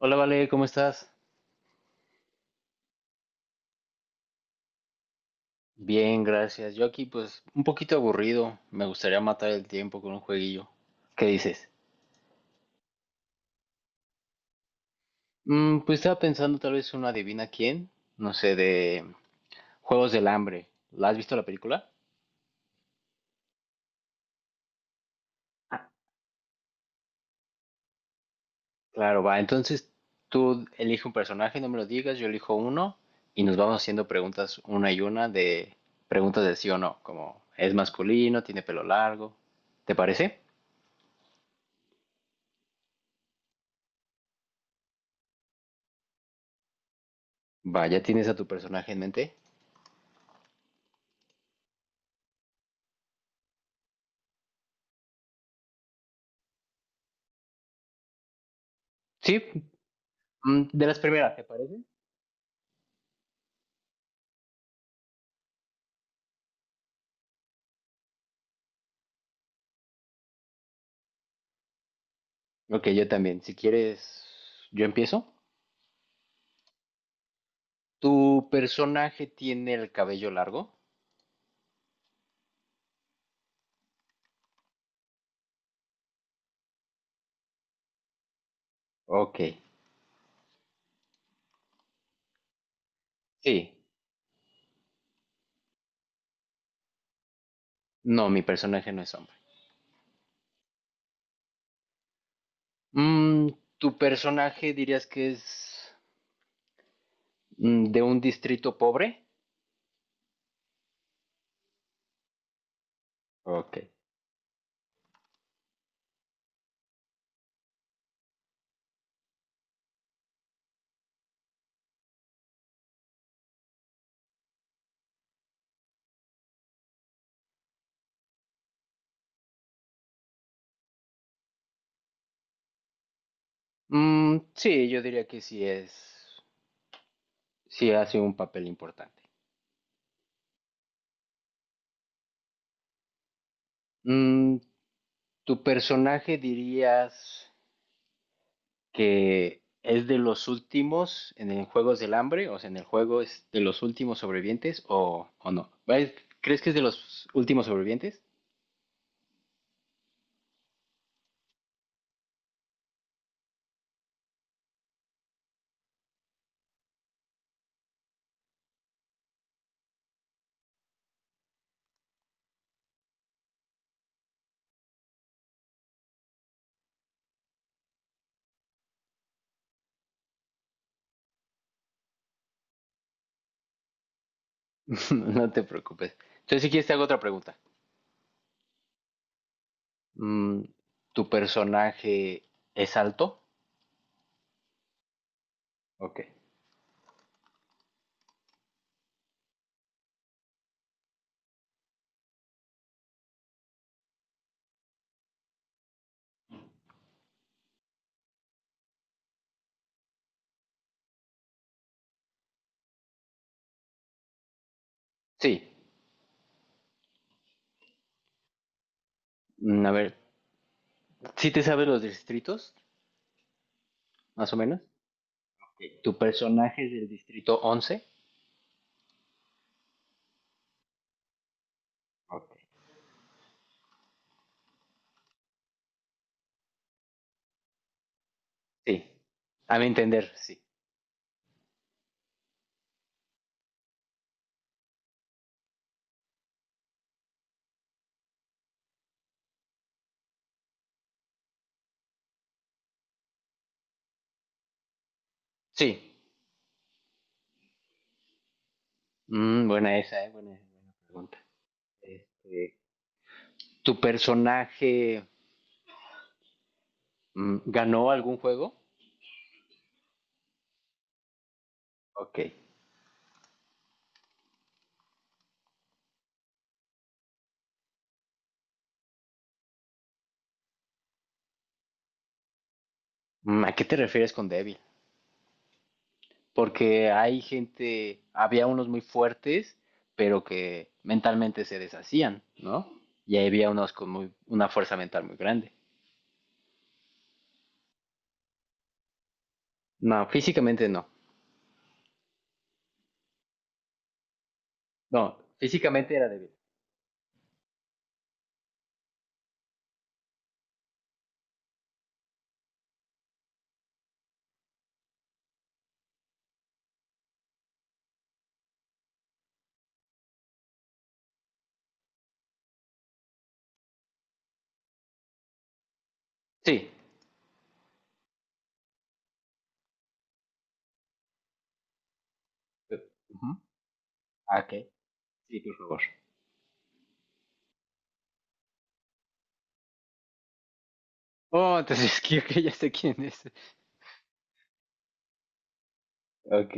Hola, Vale, ¿cómo estás? Bien, gracias. Yo aquí pues un poquito aburrido. Me gustaría matar el tiempo con un jueguillo. ¿Qué dices? Pues estaba pensando tal vez una adivina quién, no sé, de Juegos del Hambre. ¿La has visto la película? Ah, claro, va. Entonces tú elige un personaje, no me lo digas, yo elijo uno y nos vamos haciendo preguntas una y una de preguntas de sí o no, como es masculino, tiene pelo largo. ¿Te parece? Va, ¿ya tienes a tu personaje en mente? Sí. De las primeras, ¿te parece? Ok, yo también. Si quieres, yo empiezo. ¿Tu personaje tiene el cabello largo? Ok, sí. No, mi personaje no es hombre. Mm, ¿Tu personaje dirías que es de un distrito pobre? Ok. Sí, yo diría que sí es, sí hace un papel importante. Mm, ¿Tu personaje dirías que es de los últimos en el Juegos del Hambre, o sea, en el juego es de los últimos sobrevivientes o no? ¿Ves? ¿Crees que es de los últimos sobrevivientes? No te preocupes. Entonces, si quieres, te hago otra pregunta. Mm, ¿Tu personaje es alto? Ok. Sí. A ver, ¿sí te sabes los distritos, más o menos? Ok. ¿Tu personaje es del distrito once? Ok. Sí. A mi entender, sí. Sí. Buena esa, ¿eh? Buena, buena pregunta. Este, ¿tu personaje ganó algún juego? Ok. Mm, ¿a qué te refieres con débil? Porque hay gente, había unos muy fuertes, pero que mentalmente se deshacían, ¿no? Y había unos con muy, una fuerza mental muy grande. No, físicamente no. No, físicamente era débil. Sí. Ujú. Ah, ok. Sí, por favor. Oh, entonces creo que ya sé quién es. Ok.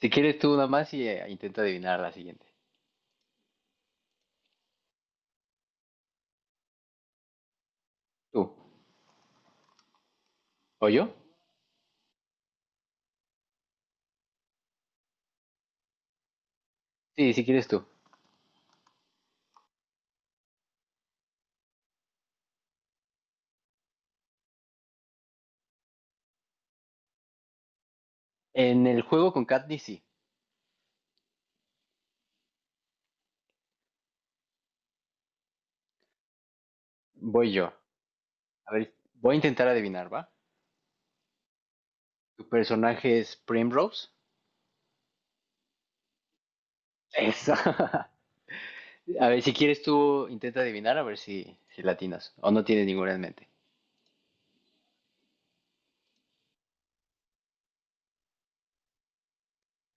Si quieres tú nada más y intenta adivinar la siguiente. ¿Tú? ¿O yo? Sí, si quieres tú. En el juego con Katniss, sí. Voy yo. A ver, voy a intentar adivinar, ¿va? ¿Tu personaje es Primrose? Eso. A ver, si quieres tú intenta adivinar, a ver si, si latinas. O no tienes ninguna en mente.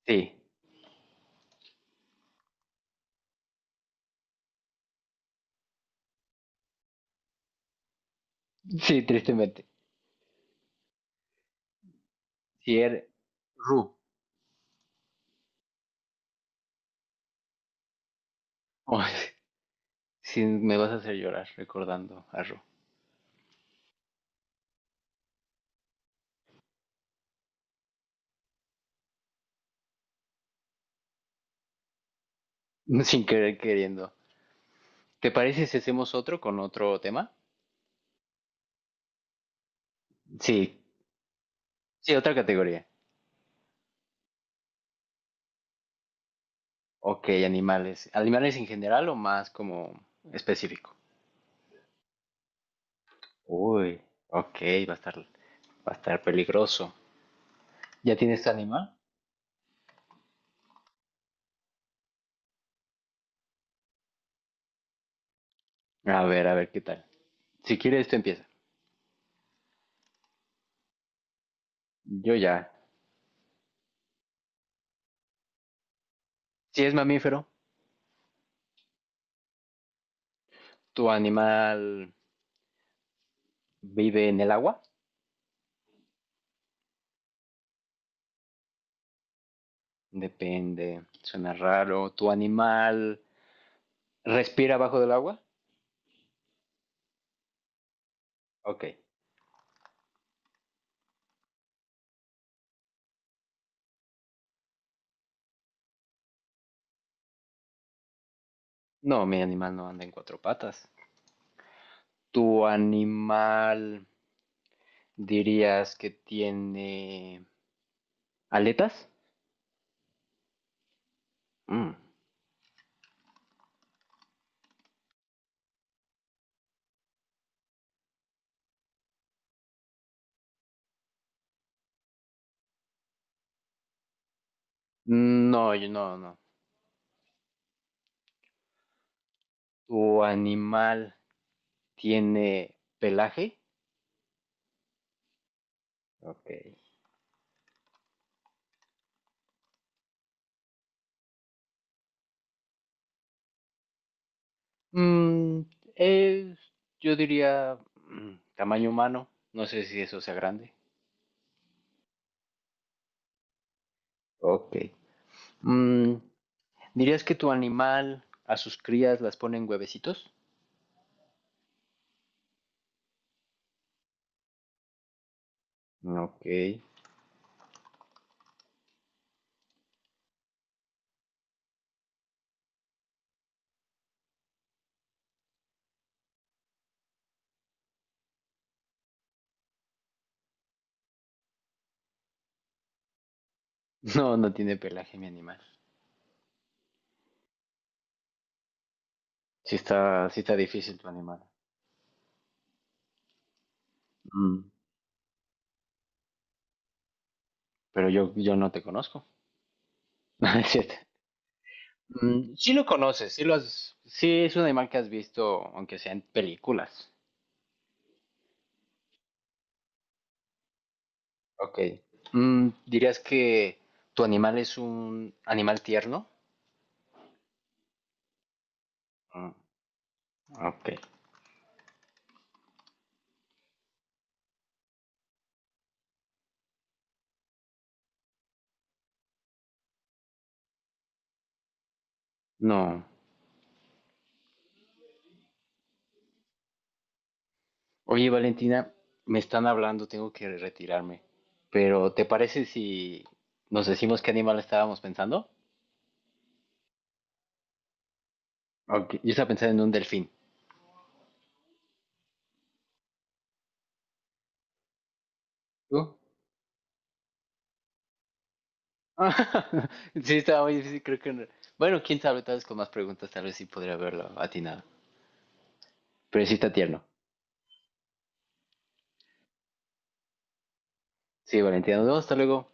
Sí, sí, tristemente. Si eres Ru. Oh, sí, me vas a hacer llorar recordando a Ru. Sin querer queriendo. ¿Te parece si hacemos otro con otro tema? Sí, sí, otra categoría. Ok, animales. ¿Animales en general o más como específico? Uy, ok, va a estar peligroso. ¿Ya tienes tu animal? A ver qué tal. Si quieres, tú empieza. Yo ya. Si es mamífero, ¿tu animal vive en el agua? Depende, suena raro. ¿Tu animal respira bajo del agua? Ok. No, mi animal no anda en cuatro patas. ¿Tu animal dirías que tiene aletas? Mm, No, no, no. ¿Tu animal tiene pelaje? Ok. Mm, es, yo diría, tamaño humano. No sé si eso sea grande. Ok. Mm, ¿Dirías que tu animal a sus crías las pone en huevecitos? Ok. No, no tiene pelaje mi animal. Sí está difícil tu animal. Mm, pero yo no te conozco. No, es cierto. Sí lo conoces, sí, sí es un animal que has visto, aunque sea en películas. Ok. ¿Dirías que tu animal es un animal tierno? Mm, ok. No. Oye, Valentina, me están hablando, tengo que retirarme. Pero, ¿te parece si nos decimos qué animal estábamos pensando? Ok, yo estaba pensando en un delfín. ¿Tú? Sí, estaba muy difícil, creo que no. Bueno, quién sabe, tal vez con más preguntas, tal vez sí podría haberlo atinado. Pero sí está tierno. Sí, Valentina, nos vemos, hasta luego.